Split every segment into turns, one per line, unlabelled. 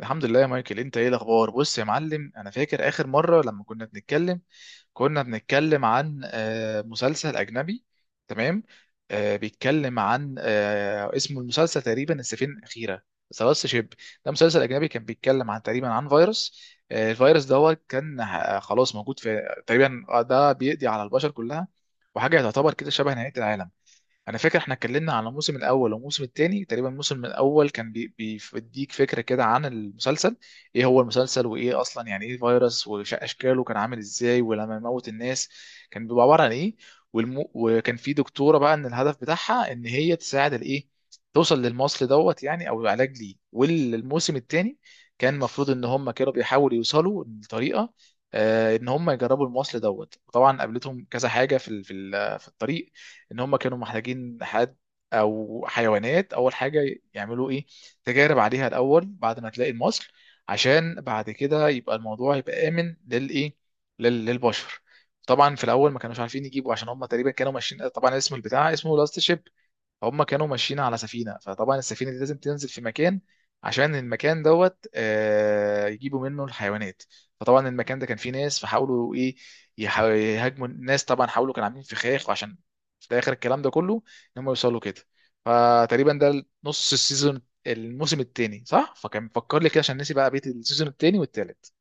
الحمد لله يا مايكل، انت ايه الاخبار؟ بص يا معلم، انا فاكر اخر مره لما كنا بنتكلم عن مسلسل اجنبي. تمام. بيتكلم عن اسمه المسلسل تقريبا السفينه الاخيره، سلاس شيب. ده مسلسل اجنبي كان بيتكلم عن تقريبا عن فيروس. الفيروس ده هو كان خلاص موجود في تقريبا. ده بيقضي على البشر كلها، وحاجه تعتبر كده شبه نهايه العالم. انا فاكر احنا اتكلمنا على الموسم الاول والموسم الثاني. تقريبا الموسم الاول كان بيديك فكره كده عن المسلسل، ايه هو المسلسل، وايه اصلا يعني ايه فيروس واشكاله، كان عامل ازاي، ولما يموت الناس كان بيبقى عباره عن ايه. وكان في دكتوره بقى ان الهدف بتاعها ان هي تساعد الايه، توصل للمصل دوت يعني او العلاج ليه. والموسم الثاني كان المفروض ان هم كانوا بيحاولوا يوصلوا لطريقه، ان هم يجربوا المصل دوت. طبعا قابلتهم كذا حاجه في الطريق. ان هم كانوا محتاجين حد او حيوانات اول حاجه، يعملوا ايه، تجارب عليها الاول بعد ما تلاقي المصل، عشان بعد كده يبقى الموضوع يبقى امن للايه، للبشر. طبعا في الاول ما كانوش عارفين يجيبوا، عشان هم تقريبا كانوا ماشيين. طبعا اسم البتاع اسمه لاست شيب. هم كانوا ماشيين على سفينة، فطبعا السفينة دي لازم تنزل في مكان عشان المكان دوت يجيبوا منه الحيوانات. فطبعا المكان ده كان فيه ناس، فحاولوا ايه، يهاجموا الناس. طبعا حاولوا كانوا عاملين فخاخ، وعشان في الاخر الكلام ده كله ان هم يوصلوا كده. فتقريبا ده نص السيزون الموسم التاني صح؟ فكان مفكر لي كده، عشان نسي بقى بيت السيزون التاني والتالت.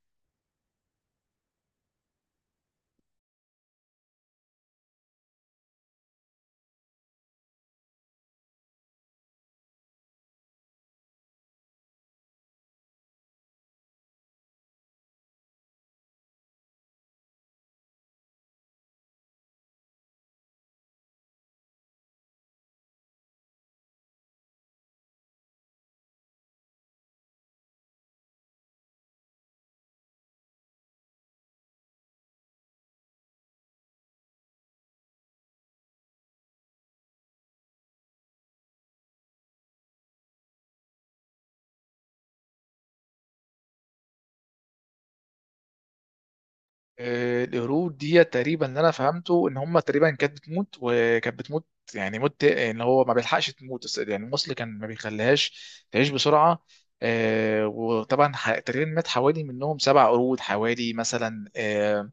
القرود دي تقريبا اللي انا فهمته ان هم تقريبا كانت بتموت وكانت بتموت، يعني موت ان هو ما بيلحقش تموت، بس يعني الموصل كان ما بيخليهاش تعيش بسرعه. وطبعا تقريبا مات حوالي منهم سبع قرود، حوالي مثلا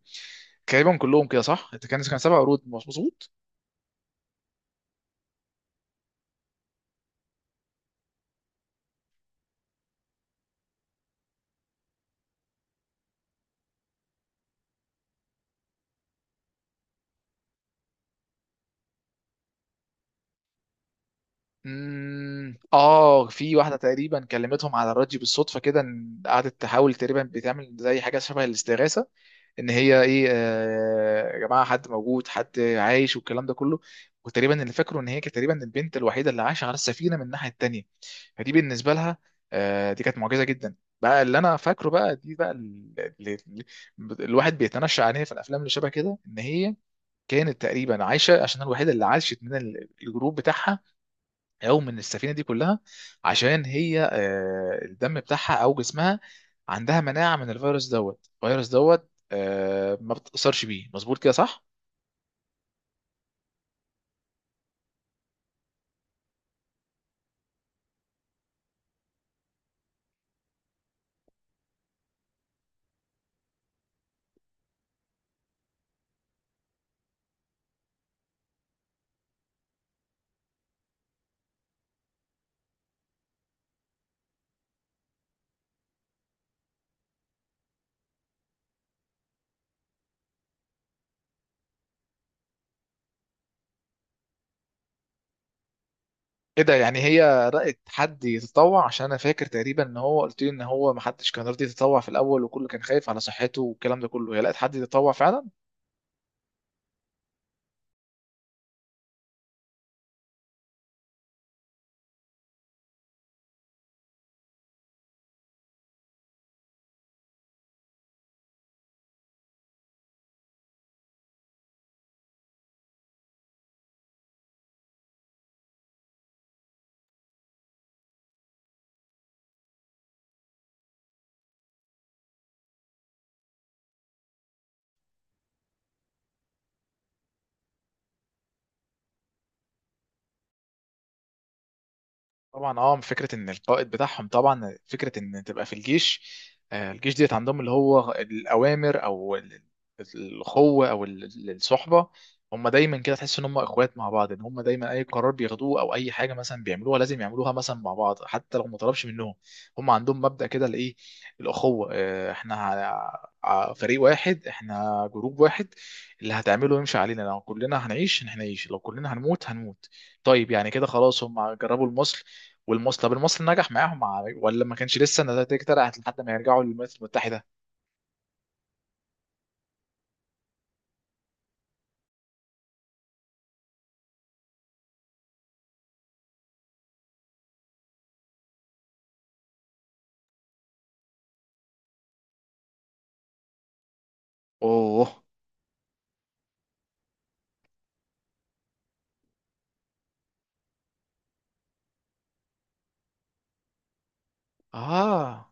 تقريبا كلهم كده صح؟ كان سبع قرود مظبوط؟ مم، اه في واحده تقريبا كلمتهم على الراديو بالصدفه كده، إن قعدت تحاول تقريبا بتعمل زي حاجه شبه الاستغاثه، ان هي ايه، يا جماعه حد موجود حد عايش والكلام ده كله. وتقريبا اللي فاكره ان هي كانت تقريبا البنت الوحيده اللي عايشه على السفينه من الناحيه التانيه، فدي بالنسبه لها دي كانت معجزه جدا. بقى اللي انا فاكره بقى دي بقى اللي الواحد بيتنشأ عليها في الافلام اللي شبه كده، ان هي كانت تقريبا عايشه عشان الوحيده اللي عاشت من الجروب بتاعها، او من السفينه دي كلها، عشان هي الدم بتاعها او جسمها عندها مناعه من الفيروس دوت. الفيروس دوت ما بتاثرش بيه، مظبوط كده صح؟ ايه ده؟ يعني هي رأت حد يتطوع؟ عشان انا فاكر تقريبا ان هو قلت لي ان هو ما حدش كان راضي يتطوع في الاول، وكله كان خايف على صحته والكلام ده كله. هي لقت حد يتطوع فعلا؟ طبعا اه، فكره ان القائد بتاعهم، طبعا فكره ان تبقى في الجيش، الجيش ديت عندهم اللي هو الاوامر او الاخوه او الصحبه. هم دايما كده تحس ان هم اخوات مع بعض، ان هم دايما اي قرار بياخدوه او اي حاجه مثلا بيعملوها لازم يعملوها مثلا مع بعض، حتى لو ما طلبش منهم. هم عندهم مبدأ كده الايه، الاخوه. احنا فريق واحد، احنا جروب واحد. اللي هتعمله يمشي علينا، لو كلنا هنعيش هنعيش، لو كلنا هنموت هنموت. طيب يعني كده خلاص، هم جربوا المصل والمصري. طب المصري نجح معاهم مع ولا ما كانش لسه النتائج طلعت لحد ما يرجعوا للولايات المتحدة؟ اوه. اه،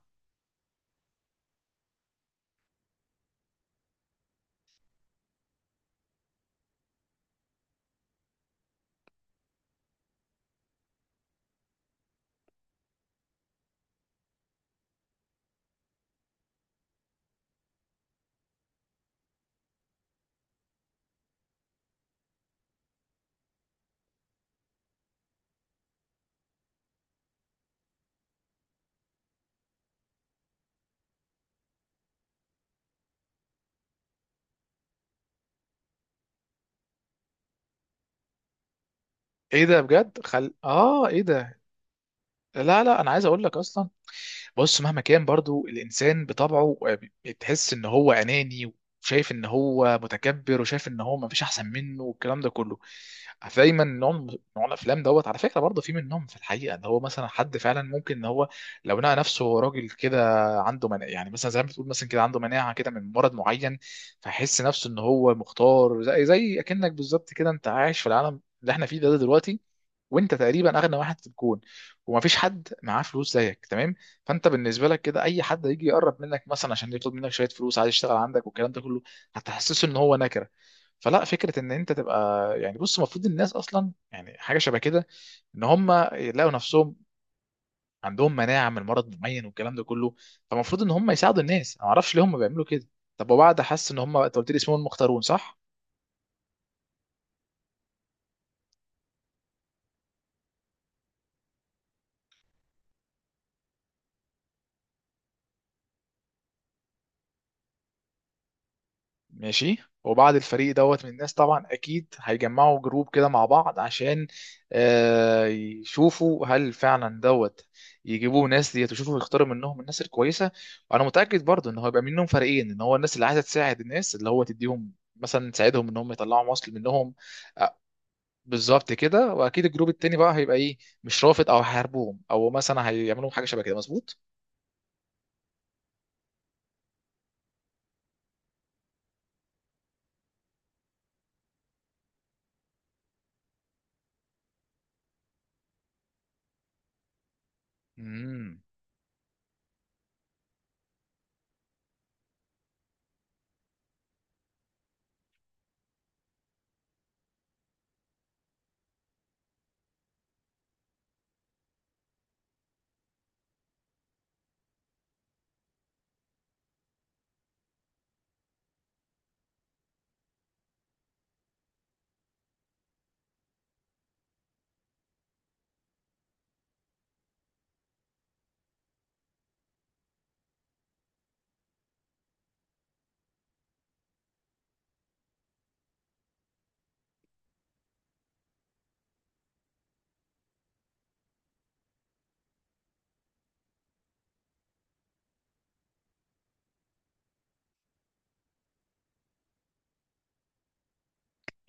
ايه ده بجد؟ خل اه، ايه ده؟ لا لا، انا عايز اقول لك اصلا. بص، مهما كان برضو الانسان بطبعه بتحس ان هو اناني، وشايف ان هو متكبر، وشايف ان هو ما فيش احسن منه والكلام ده كله. دايما نوع الافلام دوت على فكره برضه في منهم في الحقيقه، ان هو مثلا حد فعلا ممكن ان هو لو لقى نفسه هو راجل كده عنده مناعه، يعني مثلا زي ما بتقول مثلا كده عنده مناعه كده من مرض معين، فيحس نفسه ان هو مختار. زي اكنك بالظبط كده، انت عايش في العالم اللي احنا فيه ده دلوقتي، وانت تقريبا اغنى واحد في الكون ومفيش حد معاه فلوس زيك، تمام؟ فانت بالنسبه لك كده اي حد هيجي يقرب منك مثلا عشان يطلب منك شويه فلوس، عايز يشتغل عندك والكلام ده كله، هتحسسه ان هو نكره. فلا، فكره ان انت تبقى، يعني بص، المفروض الناس اصلا يعني حاجه شبه كده، ان هم يلاقوا نفسهم عندهم مناعه من مرض معين والكلام ده كله، فالمفروض ان هم يساعدوا الناس. انا ما اعرفش ليه هم بيعملوا كده. طب وبعد حس ان هم، انت قلت لي اسمهم المختارون صح؟ ماشي. وبعد الفريق دوت من الناس طبعا اكيد هيجمعوا جروب كده مع بعض، عشان يشوفوا هل فعلا دوت، يجيبوا ناس ديت ويشوفوا يختاروا منهم الناس الكويسه. وانا متاكد برضو ان هو يبقى منهم فريقين، ان هو الناس اللي عايزه تساعد الناس اللي هو تديهم مثلا، تساعدهم ان هم يطلعوا مصل منهم. آه، بالظبط كده. واكيد الجروب التاني بقى هيبقى ايه، مش رافض او هيحاربوهم او مثلا هيعملوا حاجه شبه كده، مظبوط. مم.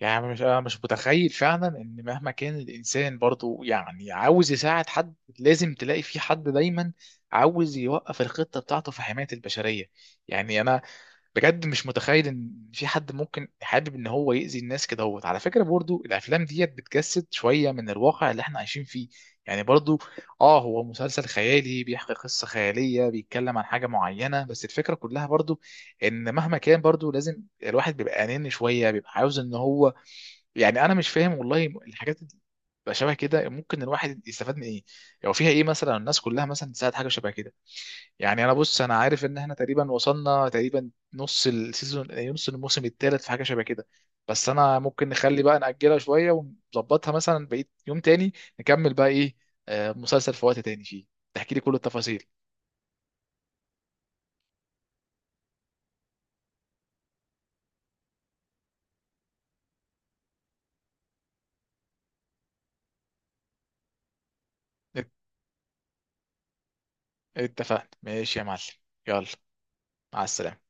يعني مش، أنا مش متخيل فعلا ان مهما كان الانسان برضو يعني عاوز يساعد حد، لازم تلاقي في حد دايما عاوز يوقف الخطه بتاعته في حمايه البشريه. يعني انا بجد مش متخيل ان في حد ممكن حابب ان هو يأذي الناس كده. هو على فكره برضو الافلام ديت بتجسد شويه من الواقع اللي احنا عايشين فيه. يعني برضو اه، هو مسلسل خيالي بيحكي قصه خياليه، بيتكلم عن حاجه معينه، بس الفكره كلها برضو ان مهما كان برضو لازم الواحد بيبقى اناني شويه، بيبقى عاوز ان هو، يعني انا مش فاهم والله، الحاجات اللي بتبقى شبه كده ممكن الواحد يستفاد من ايه، او فيها ايه مثلا الناس كلها مثلا تساعد حاجه شبه كده. يعني انا بص، انا عارف ان احنا تقريبا وصلنا تقريبا نص السيزون نص الموسم الثالث في حاجه شبه كده. بس انا ممكن نخلي بقى نأجلها شويه ونظبطها مثلا بقيت يوم تاني، نكمل بقى ايه، مسلسل في وقت تاني فيه، تحكي لي كل التفاصيل. ات- اتفقنا، ماشي يا معلم. يلا، مع السلامه.